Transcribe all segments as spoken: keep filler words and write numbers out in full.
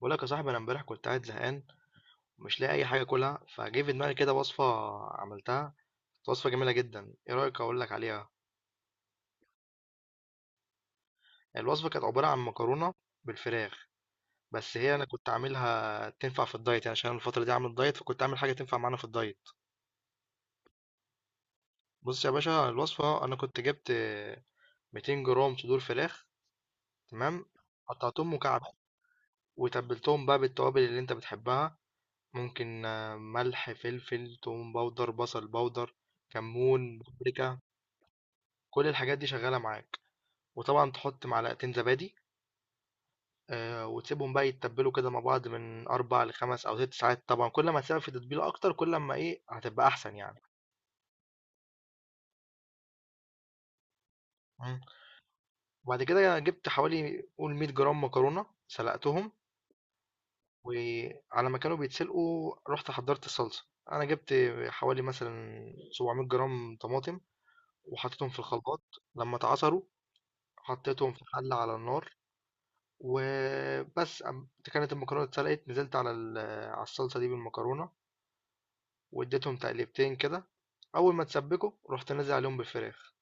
بقول لك يا صاحبي، انا امبارح كنت قاعد زهقان ومش لاقي اي حاجه اكلها. فجه في دماغي كده وصفه عملتها، كانت وصفه جميله جدا. ايه رايك اقول لك عليها؟ الوصفه كانت عباره عن مكرونه بالفراخ، بس هي انا كنت عاملها تنفع في الدايت، يعني عشان أنا الفتره دي عامل دايت، فكنت عامل حاجه تنفع معانا في الدايت. بص يا باشا، الوصفه انا كنت جبت مئتين جرام صدور فراخ، تمام. قطعتهم مكعبات وتبلتهم بقى بالتوابل اللي انت بتحبها. ممكن آه، ملح، فلفل، توم باودر، بصل باودر، كمون، بابريكا، كل الحاجات دي شغالة معاك، وطبعًا تحط معلقتين زبادي. آآ، وتسيبهم بقى يتبّلوا كده مع بعض من أربع ل5 أو ست ساعات طبعًا، كل ما تسيبها في تتبيلة أكتر، كل أمّا إيه، هتبقى أحسن يعني. إمم، وبعد كده جبت حوالي، قُل، مية جرام مكرونة، سلقتهم، وعلى ما كانوا بيتسلقوا رُحت حضّرت الصلصة. أنا جبت حوالي مثلًا سبعمية جرام طماطم وحطيتهم في الخلاط. لمّا اتعصروا حطيتهم في حلة على النار، وبس أم- كانت المكرونة اتسلقت، نزلت على ال- على الصلصة دي بالمكرونة، واديتهم تقليبتين كده. أول ما تسبكوا رحت نازل عليهم بالفراخ.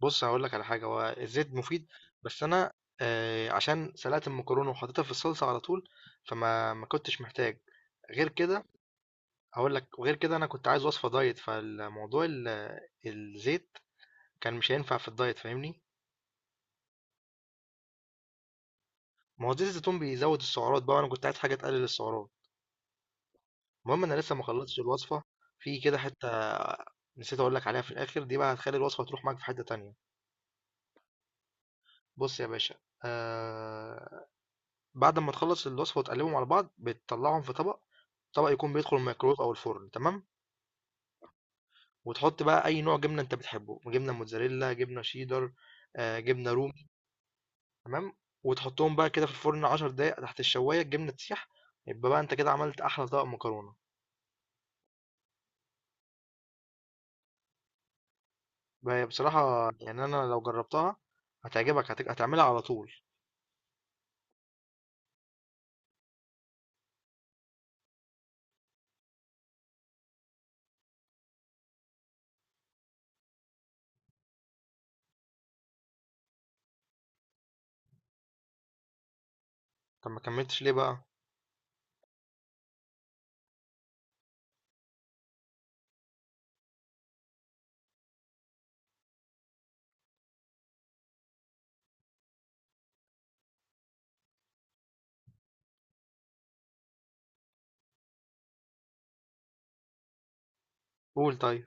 بص، هقول لك على حاجة، هو الزيت مفيد، بس أنا آه، عشان سلقت المكرونة وحطيتها في الصلصة على طول، فما ما كنتش محتاج غير كده. هقول لك، وغير كده أنا كنت عايز وصفة دايت، فالموضوع ال- الزيت كان مش هينفع في الدايت، فاهمني؟ ما هو زيت الزيتون بيزود السعرات بقى، وأنا كنت عايز حاجة تقلل السعرات. المهم، انا لسه ما خلصتش الوصفه، في كده حته نسيت اقول لك عليها في الاخر، دي بقى هتخلي الوصفه تروح معاك في حته تانية. بص يا باشا، آه، بعد ما تخلص الوصفه وتقلبهم على بعض، بتطلعهم في طبق، طبق يكون بيدخل الميكرويف او الفرن، تمام؟ وتحط بقى اي نوع جبنه انت بتحبه، جبنه موتزاريلا، جبنه شيدر، آه، جبنه رومي، تمام. وتحطهم بقى كده في الفرن عشر دقايق تحت الشوايه، الجبنه تسيح، يبقى بقى انت كده عملت احلى طبق مكرونه. بقى بصراحه يعني، انا لو جربتها هتعجبك، هت- هتعملها على طول. طب ما كمّلتش ليه بقى؟ قُل، طيب،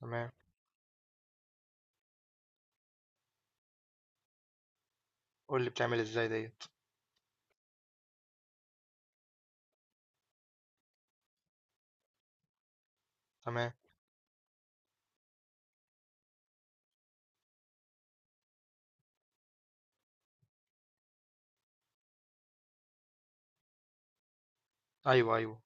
تمام. قُل لي بتعمل إزاي ديّة، تمام. أيوه، أيوه،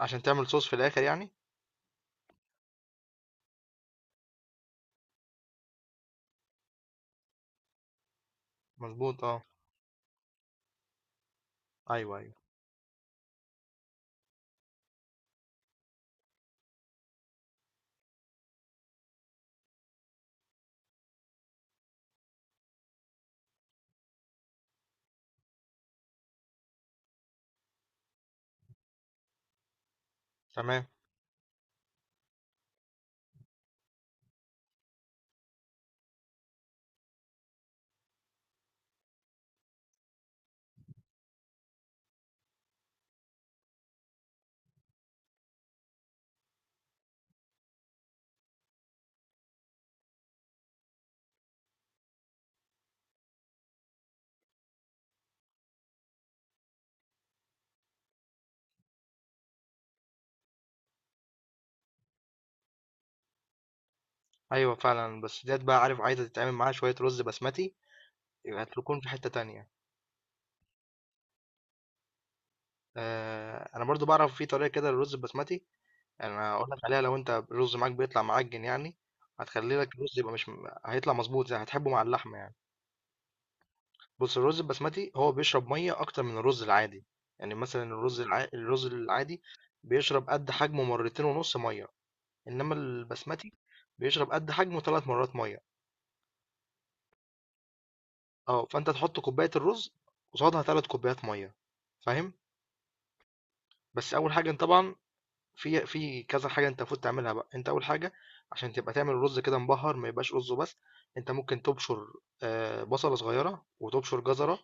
عشان تعمل صوص في الآخر يعني؟ مضبوط آه، أيوه، أيوه، تمام. أيوه فعلًا، بس ديّة بقى، عارف، عايزة تتعمل معاها شوية رُز بسمتي، يبقى هتكون في حتّة تانية. آآ أنا برضه باعرف في طريقة كده للرُز البسمتي، أنا هاقول لك عليها. لو أنت الرُز معاك بيطلع معجِّن يعني، هتخلّي لك الرُز يبقى مش م هيطلع مضبوط زي هتحبه مع اللحمة يعني. بُص، الرز البسمتي هو بيشرب مَيّة أكتر من الرز العادي، يعني مثلًا الرز الع الرز العادي بيشرب قد حجمه مرتين ونُص مَيّة، إنّما البسمتي بيشرب قد حجمه ثلاث مرّات مَيّة. آه، فأنت تحُط كوباية الرز قصادها ثلاث كوبايات مَيّة، فاهم؟ بس أول حاجة أنت طبعًا، في في كذا حاجة أنت المفروض تعملها بقى. أنت أول حاجة، عشان تبقى تعمل الرز كده مبهّر، ما يبقاش رُز وبس، أنت ممكن تبشُر آآ، بصلة صغيّرة، وتبشُر جزرة،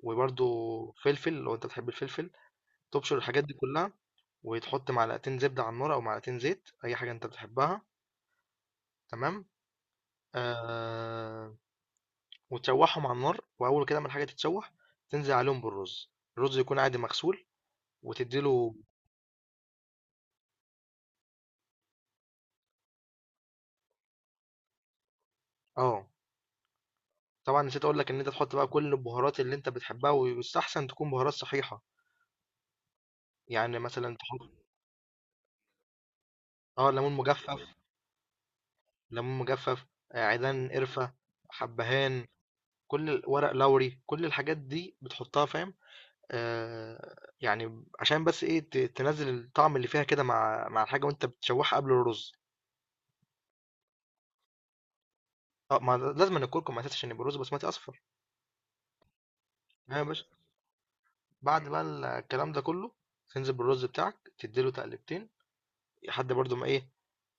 وبرضه فلفل لو أنت بتحب الفلفل. تبشر الحاجات دي كلها، وتحط معلقتين زبدة على النار أو معلقتين زيت، أي حاجة أنت بتحبها، تمام. آه، وتشوحهم على النار، وأول كده ما الحاجة تتشوح، تنزل عليهم بالرز، الرز يكون عادي مغسول، وتديله. اه، طبعا نسيت أقول لك إن أنت تحط بقى كل البهارات اللي أنت بتحبها، ويستحسن تكون بهارات صحيحة. يعني مثلا تحط اه، ليمون مجفف، ليمون مجفف، آه، عيدان قرفة، حبهان، كل ال- ورق لوري، كل الحاجات دي بتحطها، فاهم؟ آآ، يعني عشان بس إيه، ت تنزّل الطعم اللي فيها كده، مع مع الحاجة وأنت بتشوّحها قبل الرز. آه، ما لازمًا الكركم أساسي عشان يبقى الرز بسمتي أصفر. تمام يا باشا. بعد إمم. بقى ال الكلام ده كلّه، تنزل بالرز بتاعك، تدّي له تقلبتين، لحد برضه ما إيه،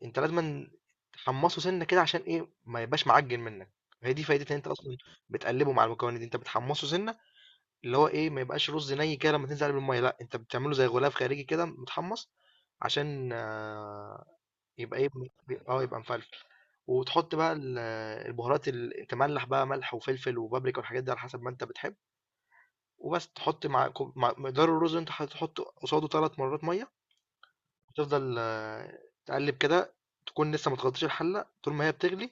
أنت لازمًا تحمّصه سِنّة كده، عشان إيه، ما يبقاش معجّن منّك. هي دي فايدة إن أنت أصلًا بتقلّبه مع المكونات دي، أنت بتحمّصه سِنّة، اللي هو إيه، ما يبقاش رز نَي كده لمّا تنزل عليه بالمَيّة، لأ، أنت بتعمله زي غلاف خارجي كده متحمّص، عشان آه، يبقى ايه، بي- اه يبقى مفلفل. وتحط بقى ال- البهارات، اللي تملح بقى، ملح وفلفل وبابريكا والحاجات دي على حسب ما انت بتحب. وبس تحط مع، كوب- مع مقدار الرز اللي انت هتحط قصاده ثلاث مرات ميه. وتفضل آه، تقلب كده، تكون لسه ما تغطيش الحله طول ما هي بتغلي.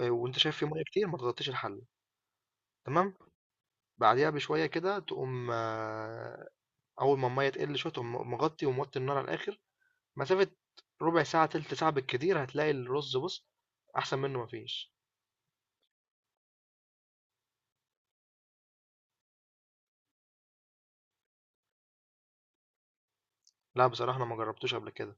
آه، وانت شايف في ميه كتير، ما تغطيش الحله، تمام. بعديها بشويه كده تقوم آه، اول ما الميه تقل شويه تقوم مغطي، وموطي النار على الاخر، مسافه ربع ساعه تلت ساعه بالكتير، هتلاقي الرز، بص، احسن منه مفيش. لأ بصراحة أنا ما جرّبتوش قبل كده.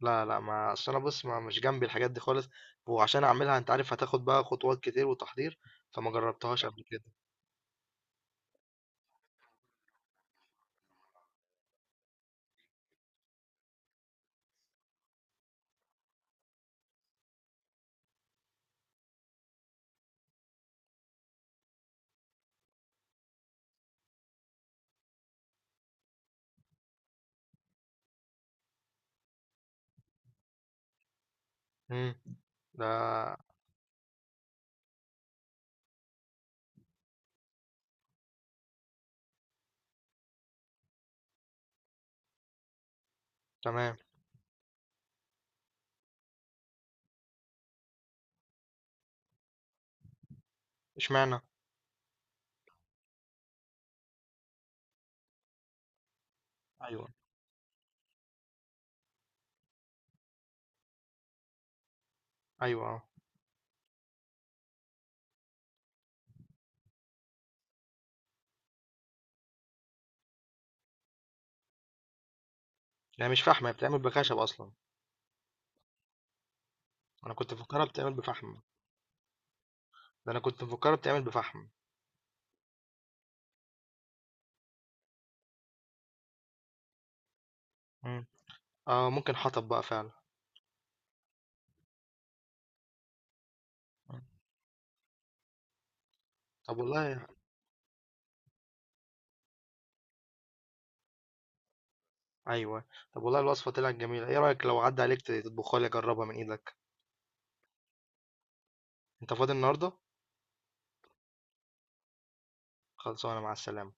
لا، لأ، ما أصل أنا بُص، ما مش جنبي الحاجات دي خالص، وعشان أعملها أنت عارف هتاخد بقى خطوات كتير وتحضير، فما جرّبتهاش قبل كده. إمم، ده تمام. إشمعنى؟ أيوه، أيوه آه، هي مش فحم، هي بتتعمل بخشب أصلًا. أنا كنت مفكّرها بتتعمل بفحم. ده أنا كنت مفكّرها بتتعمل بفحم. إمم، آه، ممكن حطب بقى فعلًا. إمم، طب والله، أيوه، طب والله الوصفة طلعت جميلة. إيه رأيك لو عدّى عليك ت تطبخها لي أجرّبها من إيدك؟ أنت فاضي النهارده؟ خلصانة، مع السلامة.